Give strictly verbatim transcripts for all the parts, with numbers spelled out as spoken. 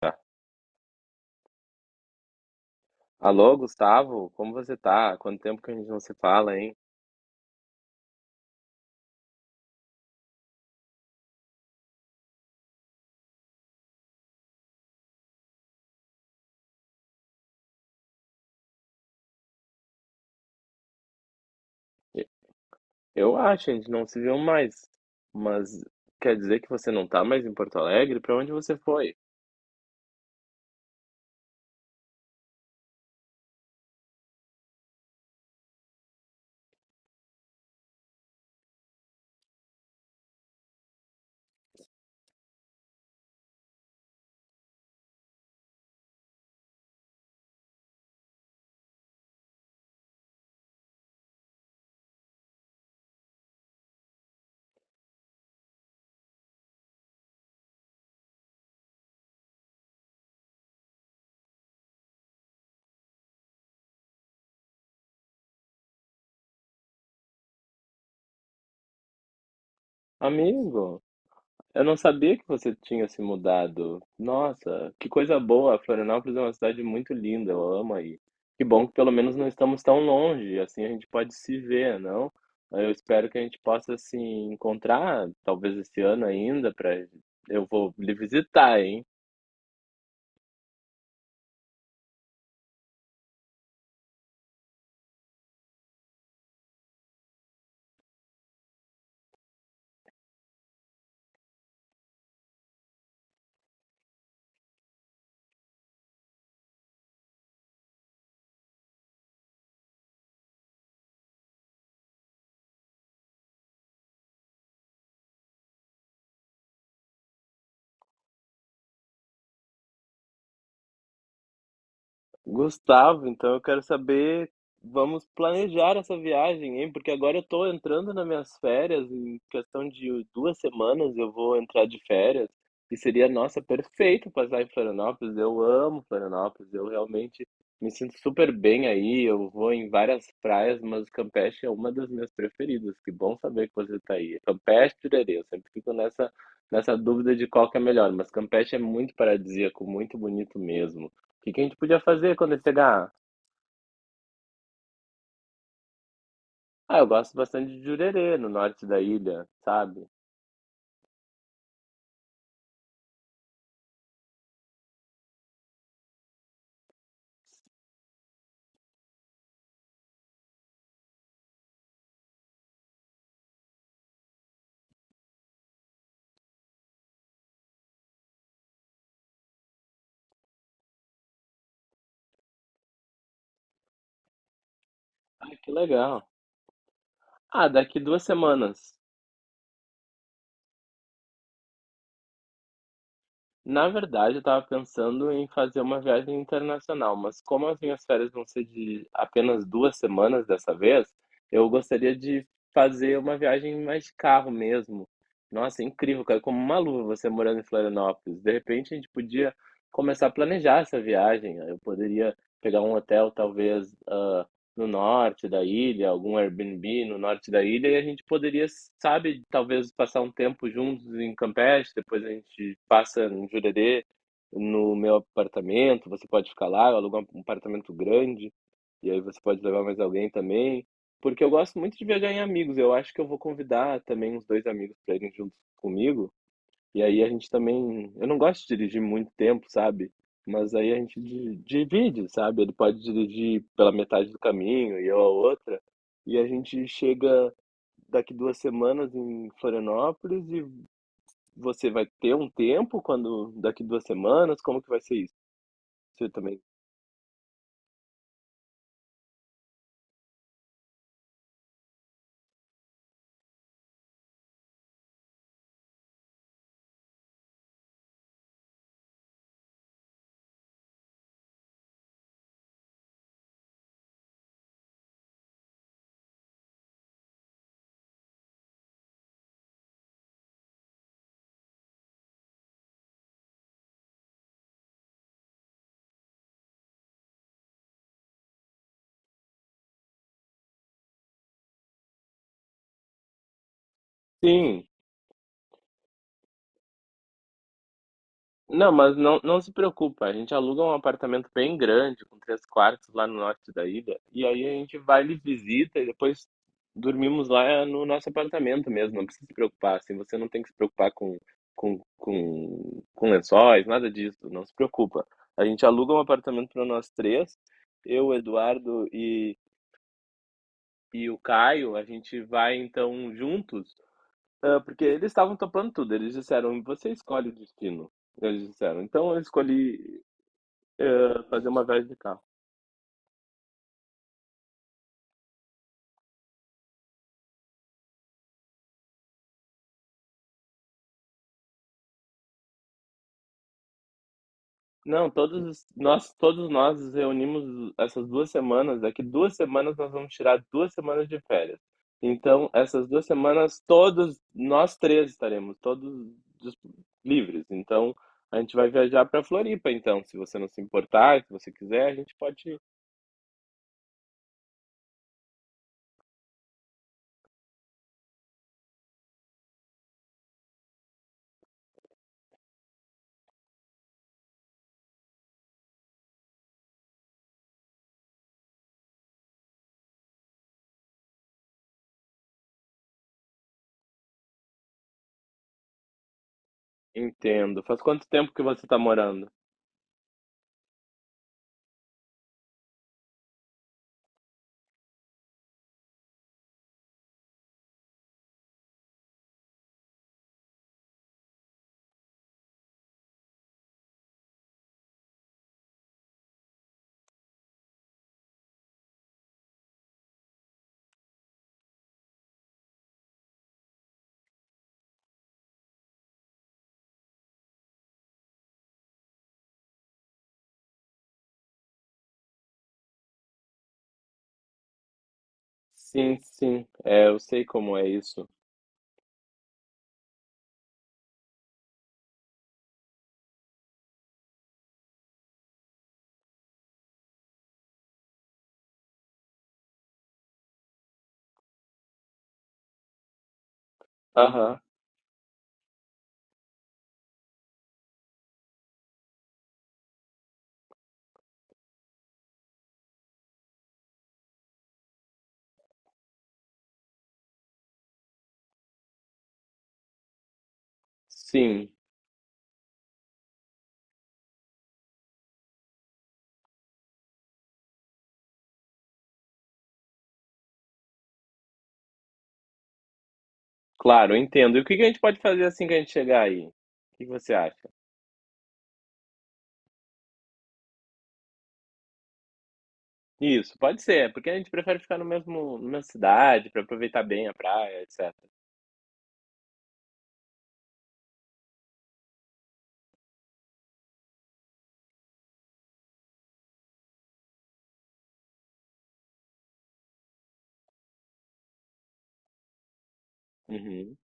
Tá. Alô, Gustavo, como você tá? Quanto tempo que a gente não se fala, hein? E- Eu acho, a gente não se viu mais. Mas quer dizer que você não tá mais em Porto Alegre? Pra onde você foi? Amigo, eu não sabia que você tinha se mudado. Nossa, que coisa boa! Florianópolis é uma cidade muito linda, eu amo aí. Que bom que pelo menos não estamos tão longe, assim a gente pode se ver, não? Eu espero que a gente possa se encontrar, talvez esse ano ainda, pra. Eu vou lhe visitar, hein? Gustavo, então eu quero saber, vamos planejar essa viagem, hein? Porque agora eu tô entrando nas minhas férias, em questão de duas semanas eu vou entrar de férias, e seria, nossa, perfeito passar em Florianópolis. Eu amo Florianópolis, eu realmente me sinto super bem aí. Eu vou em várias praias, mas Campeche é uma das minhas preferidas. Que bom saber que você está aí. Campeche, Pirerê, eu sempre fico nessa, nessa dúvida de qual que é melhor, mas Campeche é muito paradisíaco, muito bonito mesmo. O que que a gente podia fazer quando ele chegar? Ah, eu gosto bastante de Jurerê, no norte da ilha, sabe? Ah, que legal. Ah, daqui duas semanas. Na verdade, eu tava pensando em fazer uma viagem internacional, mas como as minhas férias vão ser de apenas duas semanas dessa vez, eu gostaria de fazer uma viagem mais de carro mesmo. Nossa, é incrível, cara, como uma luva você morando em Florianópolis. De repente, a gente podia começar a planejar essa viagem. Eu poderia pegar um hotel, talvez, ah, no norte da ilha, algum Airbnb no norte da ilha, e a gente poderia, sabe, talvez passar um tempo juntos em Campeche, depois a gente passa em Jurerê, no meu apartamento, você pode ficar lá, eu alugo um apartamento grande, e aí você pode levar mais alguém também, porque eu gosto muito de viajar em amigos, eu acho que eu vou convidar também uns dois amigos para irem juntos comigo, e aí a gente também. Eu não gosto de dirigir muito tempo, sabe? Mas aí a gente di- divide, sabe? Ele pode dirigir pela metade do caminho e eu a outra. E a gente chega daqui duas semanas em Florianópolis e você vai ter um tempo quando daqui duas semanas? Como que vai ser isso? Você também? Sim, não, mas não, não se preocupa. A gente aluga um apartamento bem grande, com três quartos lá no norte da ilha. E aí a gente vai lhe visita e depois dormimos lá no nosso apartamento mesmo. Não precisa se preocupar. Assim, você não tem que se preocupar com, com, com, com lençóis, nada disso. Não se preocupa. A gente aluga um apartamento para nós três. Eu, o Eduardo e, e o Caio, a gente vai então juntos. Ah, porque eles estavam topando tudo. Eles disseram, você escolhe o destino. Eles disseram. Então eu escolhi fazer uma viagem de carro. Não, todos nós, todos nós nos reunimos essas duas semanas. Daqui duas semanas nós vamos tirar duas semanas de férias. Então, essas duas semanas, todos nós três estaremos, todos dis- livres. Então, a gente vai viajar para Floripa. Então, se você não se importar, se você quiser, a gente pode ir. Entendo. Faz quanto tempo que você está morando? Sim, sim. É, eu sei como é isso. Aham. Sim. Claro, eu entendo. E o que que a gente pode fazer assim que a gente chegar aí? O que que você acha? Isso, pode ser, porque a gente prefere ficar no mesmo, na mesma cidade para aproveitar bem a praia, etcétera. Uhum.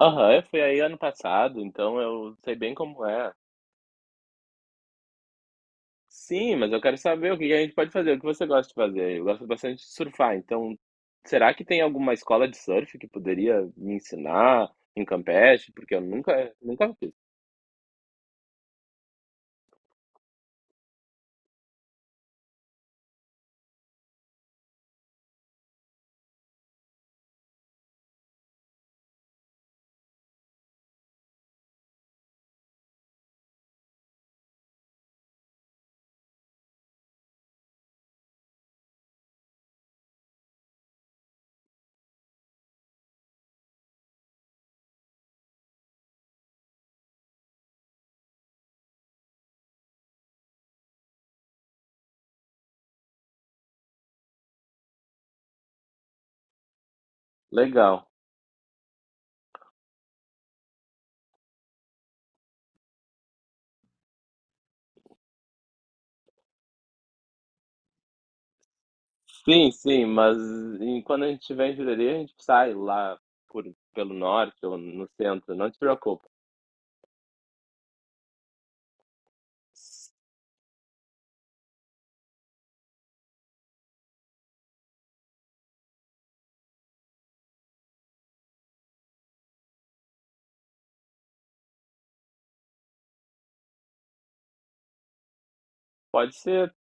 Aham, eu fui aí ano passado, então eu sei bem como é. Sim, mas eu quero saber o que que a gente pode fazer, o que você gosta de fazer. Eu gosto bastante de surfar, então será que tem alguma escola de surf que poderia me ensinar em Campeche? Porque eu nunca, nunca fiz. Legal. Sim, sim, mas em- quando a gente estiver em Jurerê, a gente sai lá por, pelo norte ou no centro, não te preocupa. Pode ser,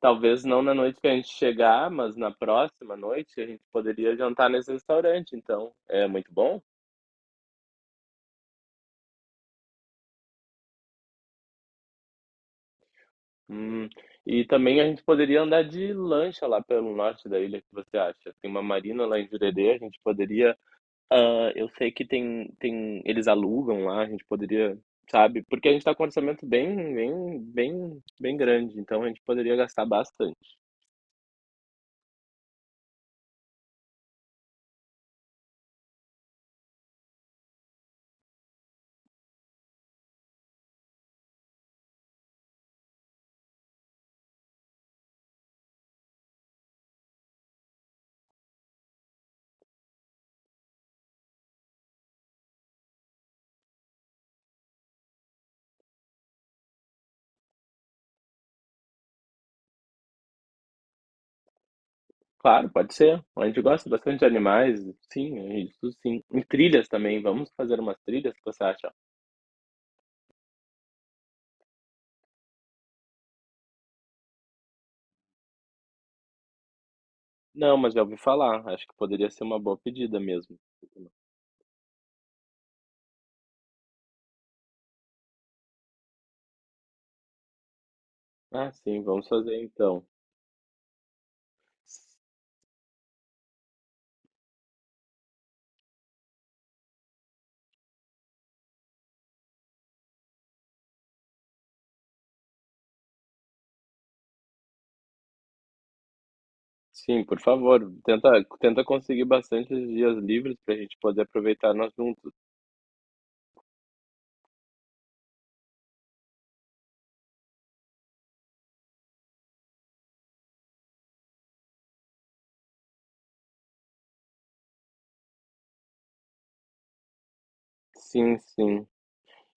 talvez não na noite que a gente chegar, mas na próxima noite a gente poderia jantar nesse restaurante, então é muito bom. Hum, E também a gente poderia andar de lancha lá pelo norte da ilha, o que você acha? Tem uma marina lá em Jurerê, a gente poderia. Ah, eu sei que tem tem eles alugam lá, a gente poderia, sabe, porque a gente tá com um orçamento bem bem bem bem grande, então a gente poderia gastar bastante. Claro, pode ser. A gente gosta bastante de animais, sim, é isso sim. Em trilhas também, vamos fazer umas trilhas, o que você acha? Não, mas já ouvi falar, acho que poderia ser uma boa pedida mesmo. Ah, sim, vamos fazer então. Sim, por favor, tenta, tenta conseguir bastante dias livres para a gente poder aproveitar nós juntos. Sim, sim.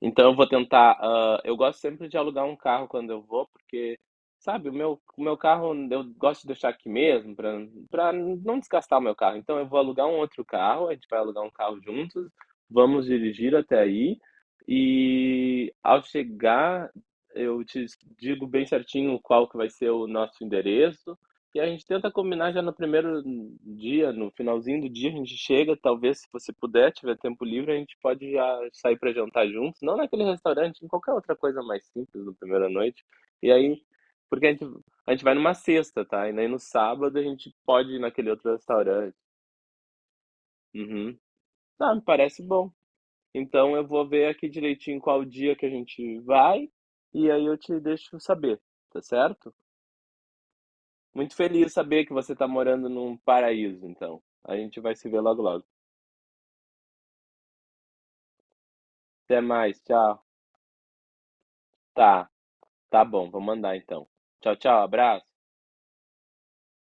Então eu vou tentar. Ah, eu gosto sempre de alugar um carro quando eu vou, porque, sabe, o meu, o meu carro eu gosto de deixar aqui mesmo, para para não desgastar o meu carro. Então eu vou alugar um outro carro, a gente vai alugar um carro juntos, vamos dirigir até aí. E ao chegar, eu te digo bem certinho qual que vai ser o nosso endereço, e a gente tenta combinar já no primeiro dia, no finalzinho do dia, a gente chega, talvez se você puder, tiver tempo livre, a gente pode já sair para jantar juntos, não naquele restaurante, em qualquer outra coisa mais simples na primeira noite. E aí, porque a gente, a gente vai numa sexta, tá? E aí no sábado a gente pode ir naquele outro restaurante. Uhum. Ah, me parece bom. Então eu vou ver aqui direitinho qual dia que a gente vai, e aí eu te deixo saber, tá certo? Muito feliz de saber que você está morando num paraíso, então. A gente vai se ver logo logo. Até mais, tchau. Tá, tá bom, vou mandar então. Tchau, tchau, abraço.